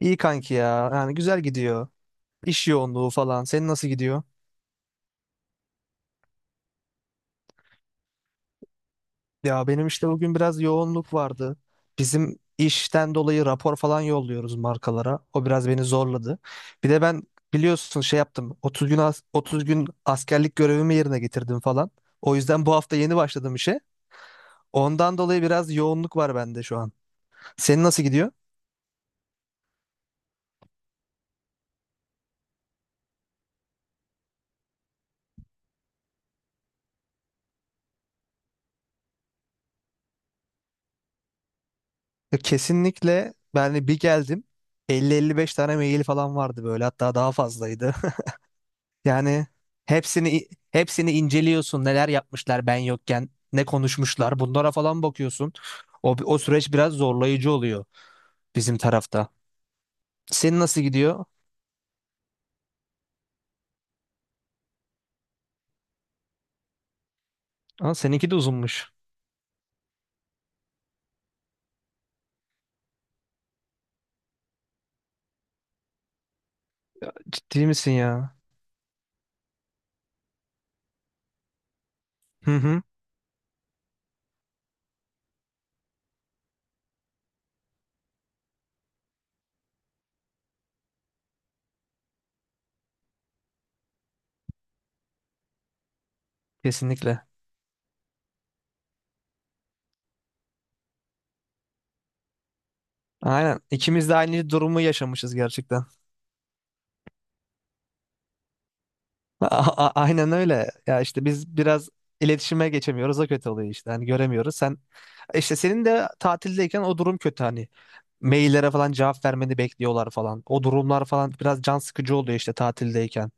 İyi kanki ya. Yani güzel gidiyor. İş yoğunluğu falan. Senin nasıl gidiyor? Ya benim işte bugün biraz yoğunluk vardı. Bizim işten dolayı rapor falan yolluyoruz markalara. O biraz beni zorladı. Bir de ben biliyorsun şey yaptım. 30 gün askerlik görevimi yerine getirdim falan. O yüzden bu hafta yeni başladım işe. Ondan dolayı biraz yoğunluk var bende şu an. Senin nasıl gidiyor? Ya kesinlikle ben de bir geldim. Elli beş tane mail falan vardı böyle, hatta daha fazlaydı. Yani hepsini inceliyorsun, neler yapmışlar ben yokken, ne konuşmuşlar bunlara falan bakıyorsun. O süreç biraz zorlayıcı oluyor bizim tarafta. Senin nasıl gidiyor? Aa, seninki de uzunmuş. Ciddi misin ya? Hı hı. Kesinlikle. Aynen. İkimiz de aynı durumu yaşamışız gerçekten. A- aynen öyle. Ya işte biz biraz iletişime geçemiyoruz. O kötü oluyor işte. Hani göremiyoruz. Sen işte senin de tatildeyken o durum kötü hani. Maillere falan cevap vermeni bekliyorlar falan. O durumlar falan biraz can sıkıcı oluyor işte tatildeyken.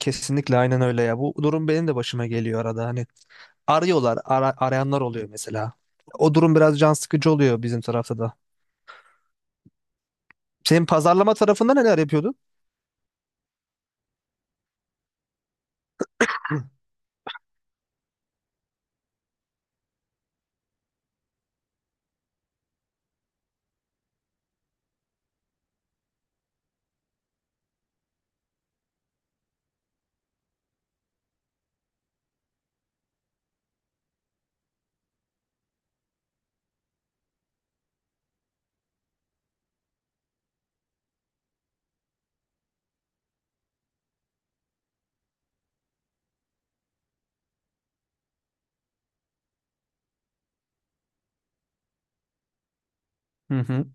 Kesinlikle aynen öyle ya. Bu durum benim de başıma geliyor arada. Hani arıyorlar, arayanlar oluyor mesela. O durum biraz can sıkıcı oluyor bizim tarafta da. Senin pazarlama tarafında neler yapıyordun? Hı hı.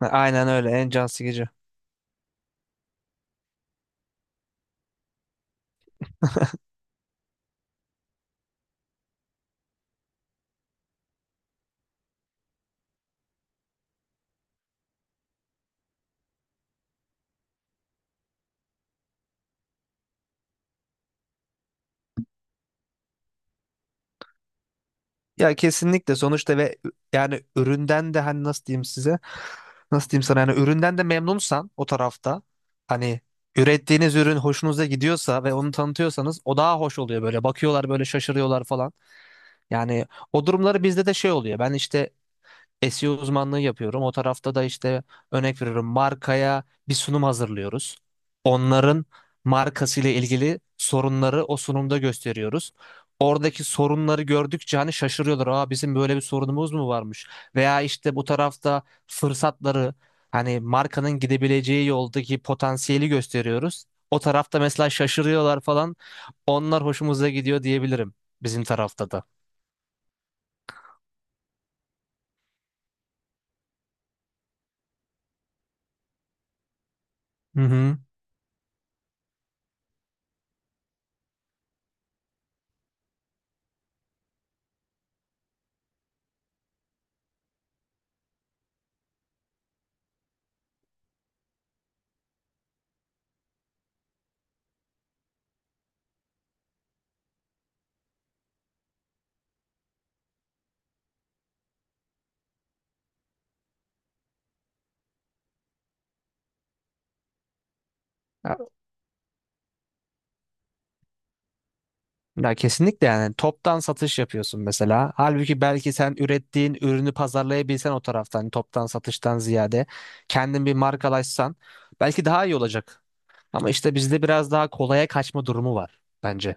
Ha, aynen öyle, en can sıkıcı. Ya kesinlikle sonuçta ve yani üründen de hani nasıl diyeyim size? Nasıl diyeyim sana, yani üründen de memnunsan o tarafta, hani ürettiğiniz ürün hoşunuza gidiyorsa ve onu tanıtıyorsanız, o daha hoş oluyor böyle. Bakıyorlar böyle, şaşırıyorlar falan. Yani o durumları bizde de şey oluyor. Ben işte SEO uzmanlığı yapıyorum. O tarafta da işte örnek veriyorum markaya, bir sunum hazırlıyoruz. Onların markasıyla ilgili sorunları o sunumda gösteriyoruz. Oradaki sorunları gördükçe hani şaşırıyorlar. Aa, bizim böyle bir sorunumuz mu varmış? Veya işte bu tarafta fırsatları, hani markanın gidebileceği yoldaki potansiyeli gösteriyoruz. O tarafta mesela şaşırıyorlar falan. Onlar hoşumuza gidiyor diyebilirim bizim tarafta da. Hı hı. Ya kesinlikle, yani toptan satış yapıyorsun mesela. Halbuki belki sen ürettiğin ürünü pazarlayabilsen, o taraftan toptan satıştan ziyade kendin bir markalaşsan, belki daha iyi olacak. Ama işte bizde biraz daha kolaya kaçma durumu var bence.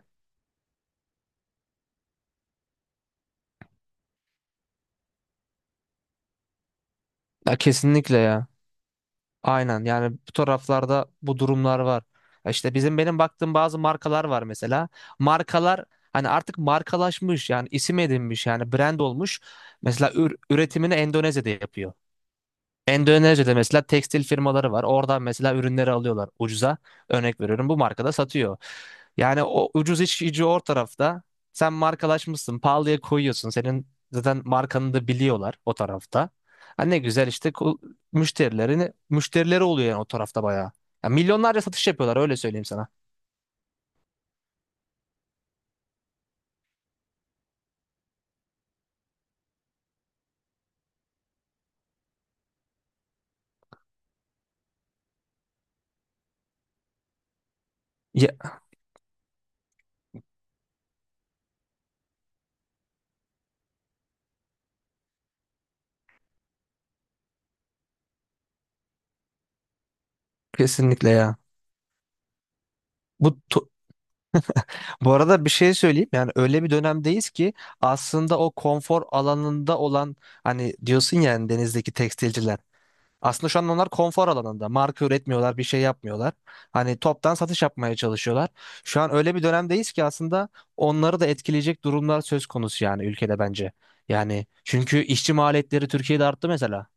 Ya kesinlikle ya. Aynen, yani bu taraflarda bu durumlar var. Ya İşte bizim, benim baktığım bazı markalar var mesela. Markalar hani artık markalaşmış, yani isim edinmiş, yani brand olmuş. Mesela üretimini Endonezya'da yapıyor. Endonezya'da mesela tekstil firmaları var. Oradan mesela ürünleri alıyorlar ucuza. Örnek veriyorum, bu markada satıyor. Yani o ucuz işçi o tarafta. Sen markalaşmışsın, pahalıya koyuyorsun. Senin zaten markanı da biliyorlar o tarafta. Ha ne güzel işte, müşterileri oluyor yani o tarafta bayağı. Ya milyonlarca satış yapıyorlar, öyle söyleyeyim sana. Ya, kesinlikle ya. Bu Bu arada bir şey söyleyeyim, yani öyle bir dönemdeyiz ki aslında o konfor alanında olan, hani diyorsun ya hani denizdeki tekstilciler, aslında şu an onlar konfor alanında marka üretmiyorlar, bir şey yapmıyorlar, hani toptan satış yapmaya çalışıyorlar. Şu an öyle bir dönemdeyiz ki aslında onları da etkileyecek durumlar söz konusu yani ülkede, bence yani, çünkü işçi maliyetleri Türkiye'de arttı mesela.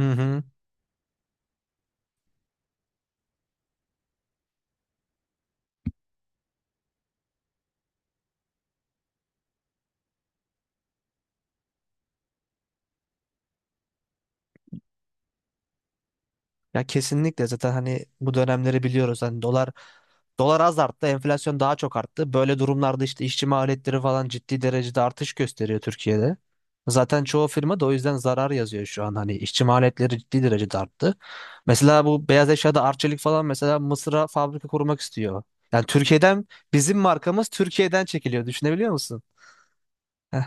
Hı hı. Ya kesinlikle, zaten hani bu dönemleri biliyoruz. Hani dolar az arttı, enflasyon daha çok arttı. Böyle durumlarda işte işçi maliyetleri falan ciddi derecede artış gösteriyor Türkiye'de. Zaten çoğu firma da o yüzden zarar yazıyor şu an. Hani işçi maliyetleri ciddi derecede arttı. Mesela bu beyaz eşyada Arçelik falan mesela Mısır'a fabrika kurmak istiyor. Yani bizim markamız Türkiye'den çekiliyor. Düşünebiliyor musun? Heh.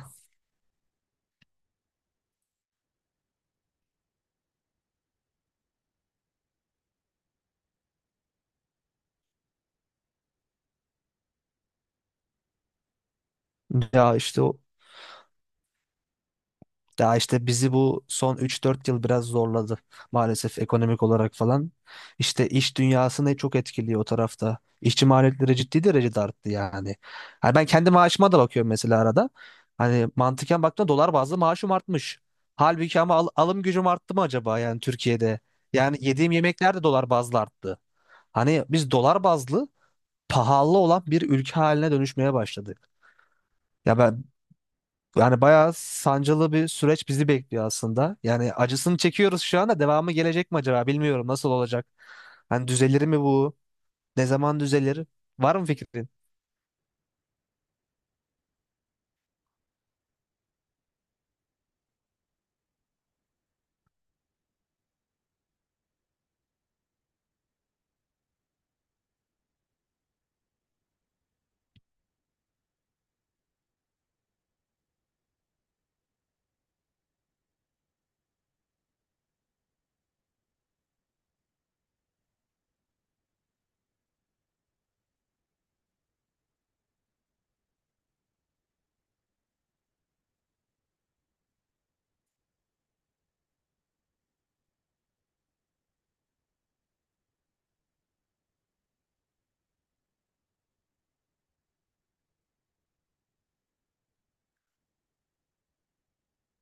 Ya işte o. Daha işte bizi bu son 3 4 yıl biraz zorladı maalesef, ekonomik olarak falan. İşte iş dünyasını çok etkiliyor o tarafta. İşçi maliyetleri ciddi derecede arttı yani. Hani ben kendi maaşıma da bakıyorum mesela arada. Hani mantıken baktığımda dolar bazlı maaşım artmış. Halbuki ama alım gücüm arttı mı acaba yani Türkiye'de? Yani yediğim yemekler de dolar bazlı arttı. Hani biz dolar bazlı pahalı olan bir ülke haline dönüşmeye başladık. Ya ben yani bayağı sancılı bir süreç bizi bekliyor aslında. Yani acısını çekiyoruz şu anda. Devamı gelecek mi acaba? Bilmiyorum nasıl olacak. Hani düzelir mi bu? Ne zaman düzelir? Var mı fikrin?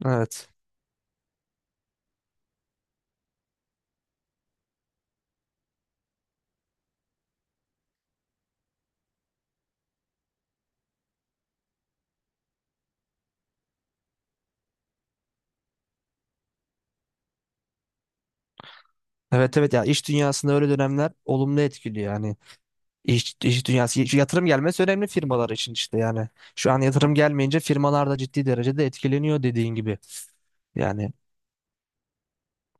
Evet. Evet evet ya, iş dünyasında öyle dönemler olumlu etkiliyor yani. İş dünyası şu yatırım gelmesi önemli firmalar için, işte yani. Şu an yatırım gelmeyince firmalar da ciddi derecede etkileniyor dediğin gibi. Yani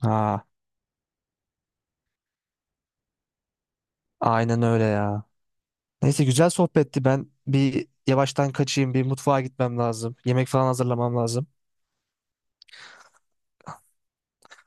ha, aynen öyle ya. Neyse güzel sohbetti. Ben bir yavaştan kaçayım. Bir mutfağa gitmem lazım. Yemek falan hazırlamam lazım.